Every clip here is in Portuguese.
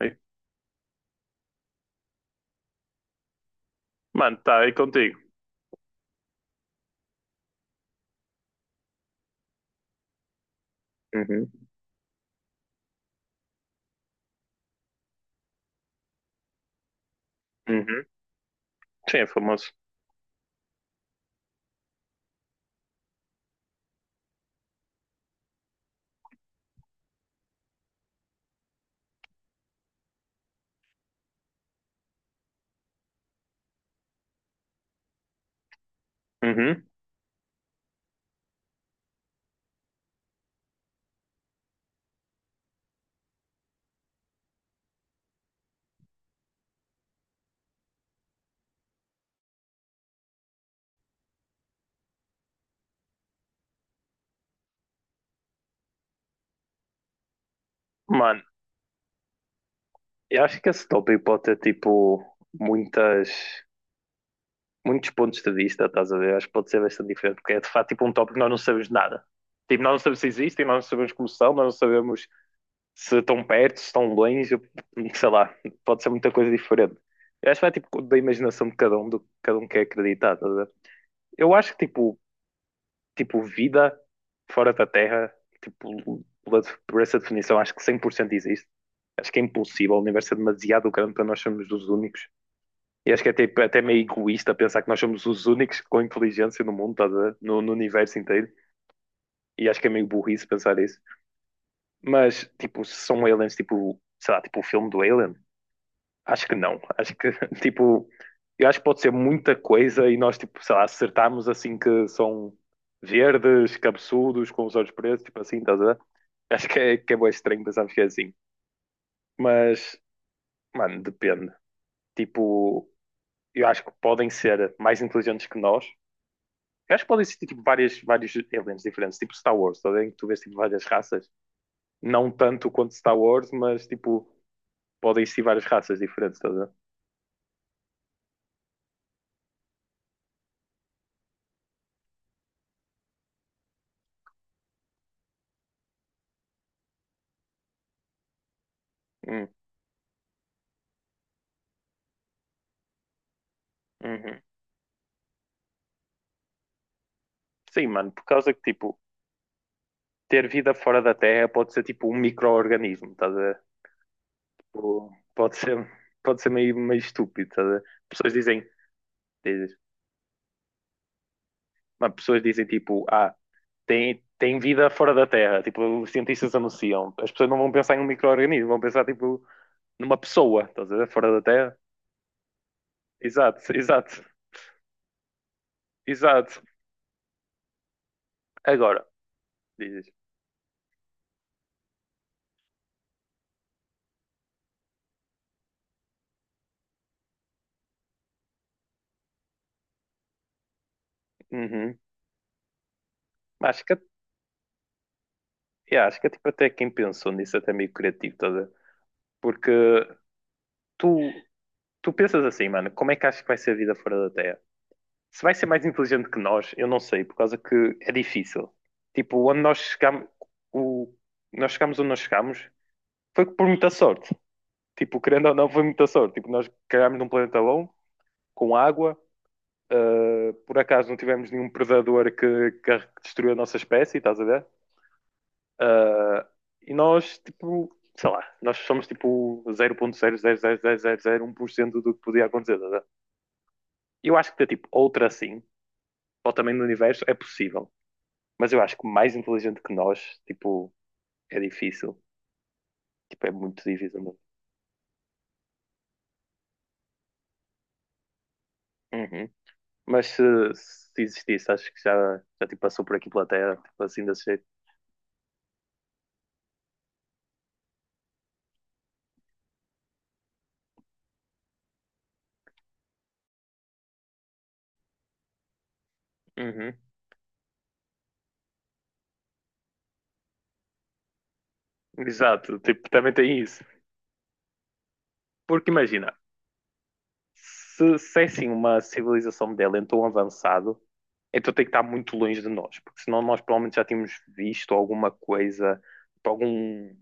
Ei. Mano, tá aí contigo. Uhum, uhum. Sim, é famoso. Uhum. Mano, eu acho que esse tópico pode ter tipo muitas, muitos pontos de vista, estás a ver? Acho que pode ser bastante diferente, porque é de facto tipo um tópico que nós não sabemos nada. Tipo, nós não sabemos se existem, nós não sabemos como são, nós não sabemos se estão perto, se estão longe, sei lá, pode ser muita coisa diferente. Eu acho que vai tipo da imaginação de cada um, do que cada um quer acreditar, estás a ver? Eu acho que tipo, vida fora da Terra, tipo, pela, por essa definição, acho que 100% existe. Acho que é impossível, o universo é demasiado grande para nós sermos os únicos. E acho que é tipo, até meio egoísta pensar que nós somos os únicos com inteligência no mundo, estás a ver? No universo inteiro. E acho que é meio burrice pensar isso. Mas, tipo, se são aliens, tipo, sei lá, tipo o filme do Alien, acho que não. Acho que, tipo, eu acho que pode ser muita coisa e nós, tipo, sei lá, acertamos assim que são verdes, cabeçudos, com os olhos pretos, tipo assim, estás a ver? Acho que é bué estranho pensarmos que é assim. Mas, mano, depende. Tipo, eu acho que podem ser mais inteligentes que nós. Eu acho que podem existir, tipo, vários aliens diferentes, tipo Star Wars, estás a ver? Em que tu vês, tipo, várias raças. Não tanto quanto Star Wars, mas, tipo, podem existir várias raças diferentes, estás a ver? Hum, uhum. Sim, mano, por causa que, tipo, ter vida fora da Terra pode ser tipo um micro-organismo, estás a ver? Tipo, pode ser, meio estúpido, estás a ver? Pessoas dizem, dizes, mas pessoas dizem tipo, ah, tem, vida fora da Terra, tipo, os cientistas anunciam. As pessoas não vão pensar em um micro-organismo, vão pensar tipo numa pessoa, estás a ver? Fora da Terra. Exato, exato, exato. Agora, dizes, uhum. Acho que, yeah, acho que é tipo até quem pensou nisso até meio criativo, estás a ver? Porque tu, tu pensas assim, mano, como é que achas que vai ser a vida fora da Terra? Se vai ser mais inteligente que nós, eu não sei, por causa que é difícil. Tipo, onde nós chegamos, o, nós chegamos onde nós chegamos, foi por muita sorte. Tipo, querendo ou não, foi muita sorte. Tipo, nós cagámos num planeta bom, com água. Por acaso não tivemos nenhum predador que destruiu a nossa espécie, estás a ver? Uh, e nós, tipo, sei lá, nós somos tipo 0,0000001% do que podia acontecer, estás a ver? Eu acho que ter tipo outra assim, ou também no universo, é possível. Mas eu acho que mais inteligente que nós, tipo, é difícil. Tipo, é muito difícil mesmo. Uhum. Mas se, existisse, acho que já, tipo, passou por aqui pela Terra, tipo, assim desse jeito. Uhum. Exato, tipo, também tem isso. Porque imagina, se é assim uma civilização modelo em tão avançado, então tem que estar muito longe de nós, porque senão nós provavelmente já tínhamos visto alguma coisa, tipo, algum,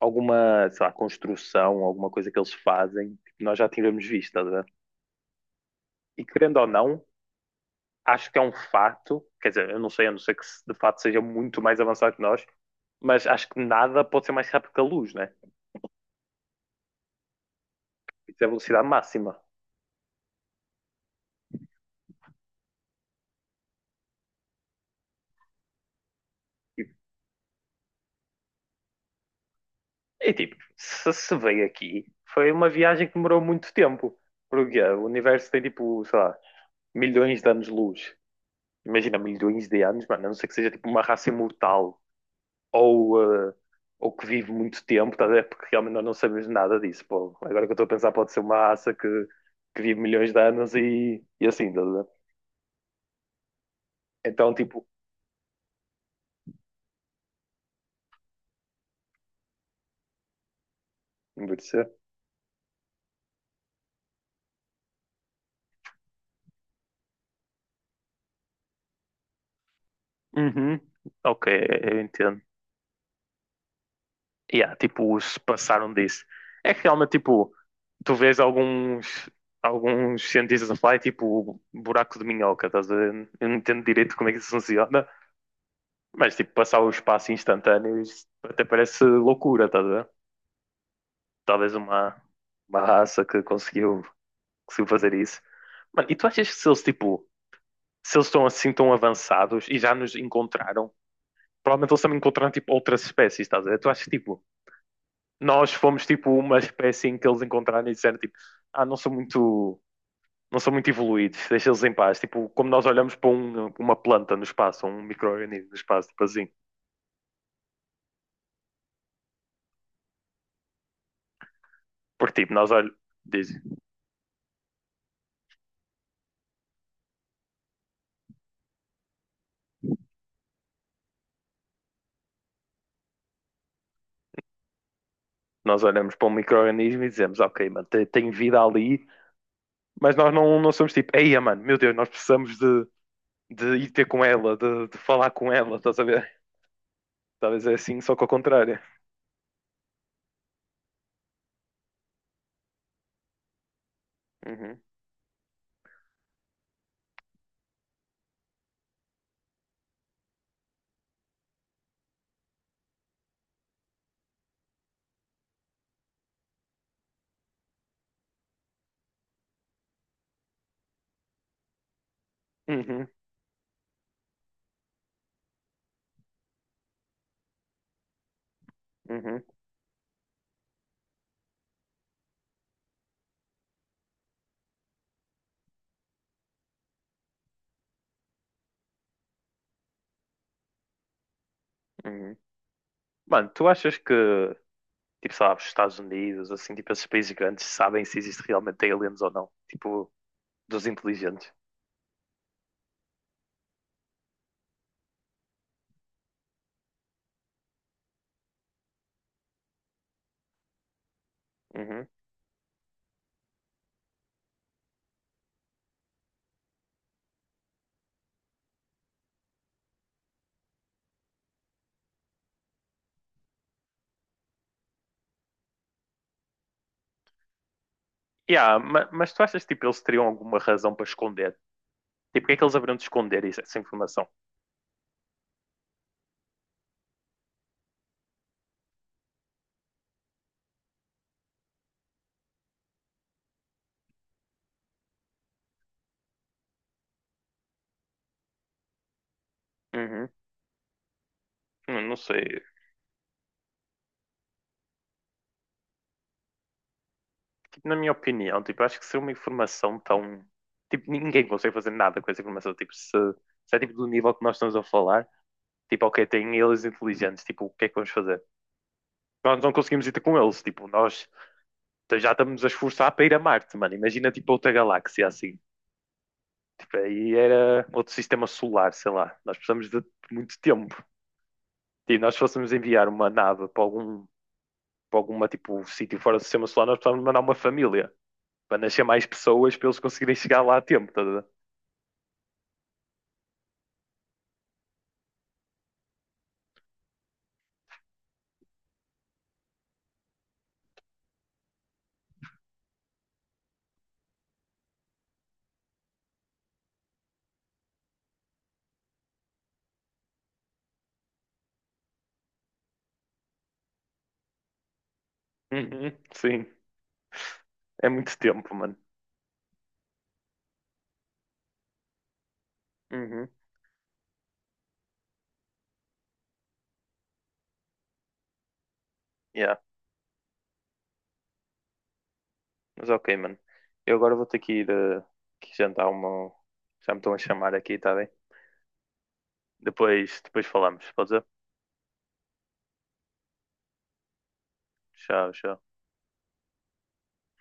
sei lá, construção, alguma coisa que eles fazem, que nós já tínhamos visto, estás a ver? E querendo ou não, acho que é um fato, quer dizer, eu não sei, a não ser que de fato seja muito mais avançado que nós, mas acho que nada pode ser mais rápido que a luz, né? Isso é a velocidade máxima. E, e, tipo, se veio aqui, foi uma viagem que demorou muito tempo. Porque o universo tem tipo, sei lá, milhões de anos-luz. Imagina, milhões de anos, mano, a não ser que seja tipo uma raça imortal ou, ah, ou que vive muito tempo, tá a ver? Porque realmente nós não sabemos nada disso. Pô. Agora que eu estou a pensar, pode ser uma raça que vive milhões de anos e assim, tá a ver? Então, tipo, envelhecer. Uhum. Ok, eu entendo. Yeah, tipo, se passaram disso. É que realmente, tipo, tu vês alguns cientistas a falar, é tipo, buraco de minhoca, estás a ver? Eu não entendo direito como é que isso funciona, mas, tipo, passar o espaço instantâneo, isso até parece loucura, estás a ver? Talvez uma raça que conseguiu fazer isso. Mano, e tu achas que se eles, tipo, se eles estão assim tão avançados e já nos encontraram, provavelmente eles também encontraram tipo outras espécies, estás a ver? Tu achas que tipo, nós fomos tipo uma espécie em que eles encontraram e disseram tipo, ah, não são muito, não são muito evoluídos, deixa eles em paz. Tipo, como nós olhamos para uma planta no espaço, ou um micro-organismo no espaço, tipo assim. Porque tipo, nós, diz- nós olhamos para um micro-organismo e dizemos, ok, mano, tem, vida ali, mas nós não, não somos tipo, eia, mano, meu Deus, nós precisamos de, ir ter com ela, de falar com ela, estás a ver? Talvez é assim, só que ao contrário. Uhum, uhum, uhum, uhum. Mano, tu achas que, tipo, sabes, Estados Unidos, assim, tipo, esses países grandes sabem se existe realmente aliens ou não? Tipo, dos inteligentes. Uhum. Yeah, mas tu achas que, tipo, eles teriam alguma razão para esconder? Tipo, o que é que eles haveriam de esconder essa informação? Uhum. Não sei. Tipo, na minha opinião, tipo, acho que se é uma informação tão... Tipo, ninguém consegue fazer nada com essa informação. Tipo, se é, tipo, do nível que nós estamos a falar, tipo, ok, tem aliens inteligentes, tipo, o que é que vamos fazer? Nós não conseguimos ir ter com eles, tipo, nós... Então já estamos a esforçar para ir a Marte, mano. Imagina tipo outra galáxia assim. Tipo, aí era outro sistema solar, sei lá. Nós precisamos de muito tempo. E nós fôssemos enviar uma nave para algum para alguma tipo sítio fora do sistema solar, nós precisávamos mandar uma família para nascer mais pessoas para eles conseguirem chegar lá a tempo, tá a ver? Uhum, sim, é muito tempo, mano. Uhum, yeah. Mas ok, mano. Eu agora vou ter que ir que jantar uma. Já me estão a chamar aqui, tá bem? Depois, falamos, pode ser? Tchau, tchau.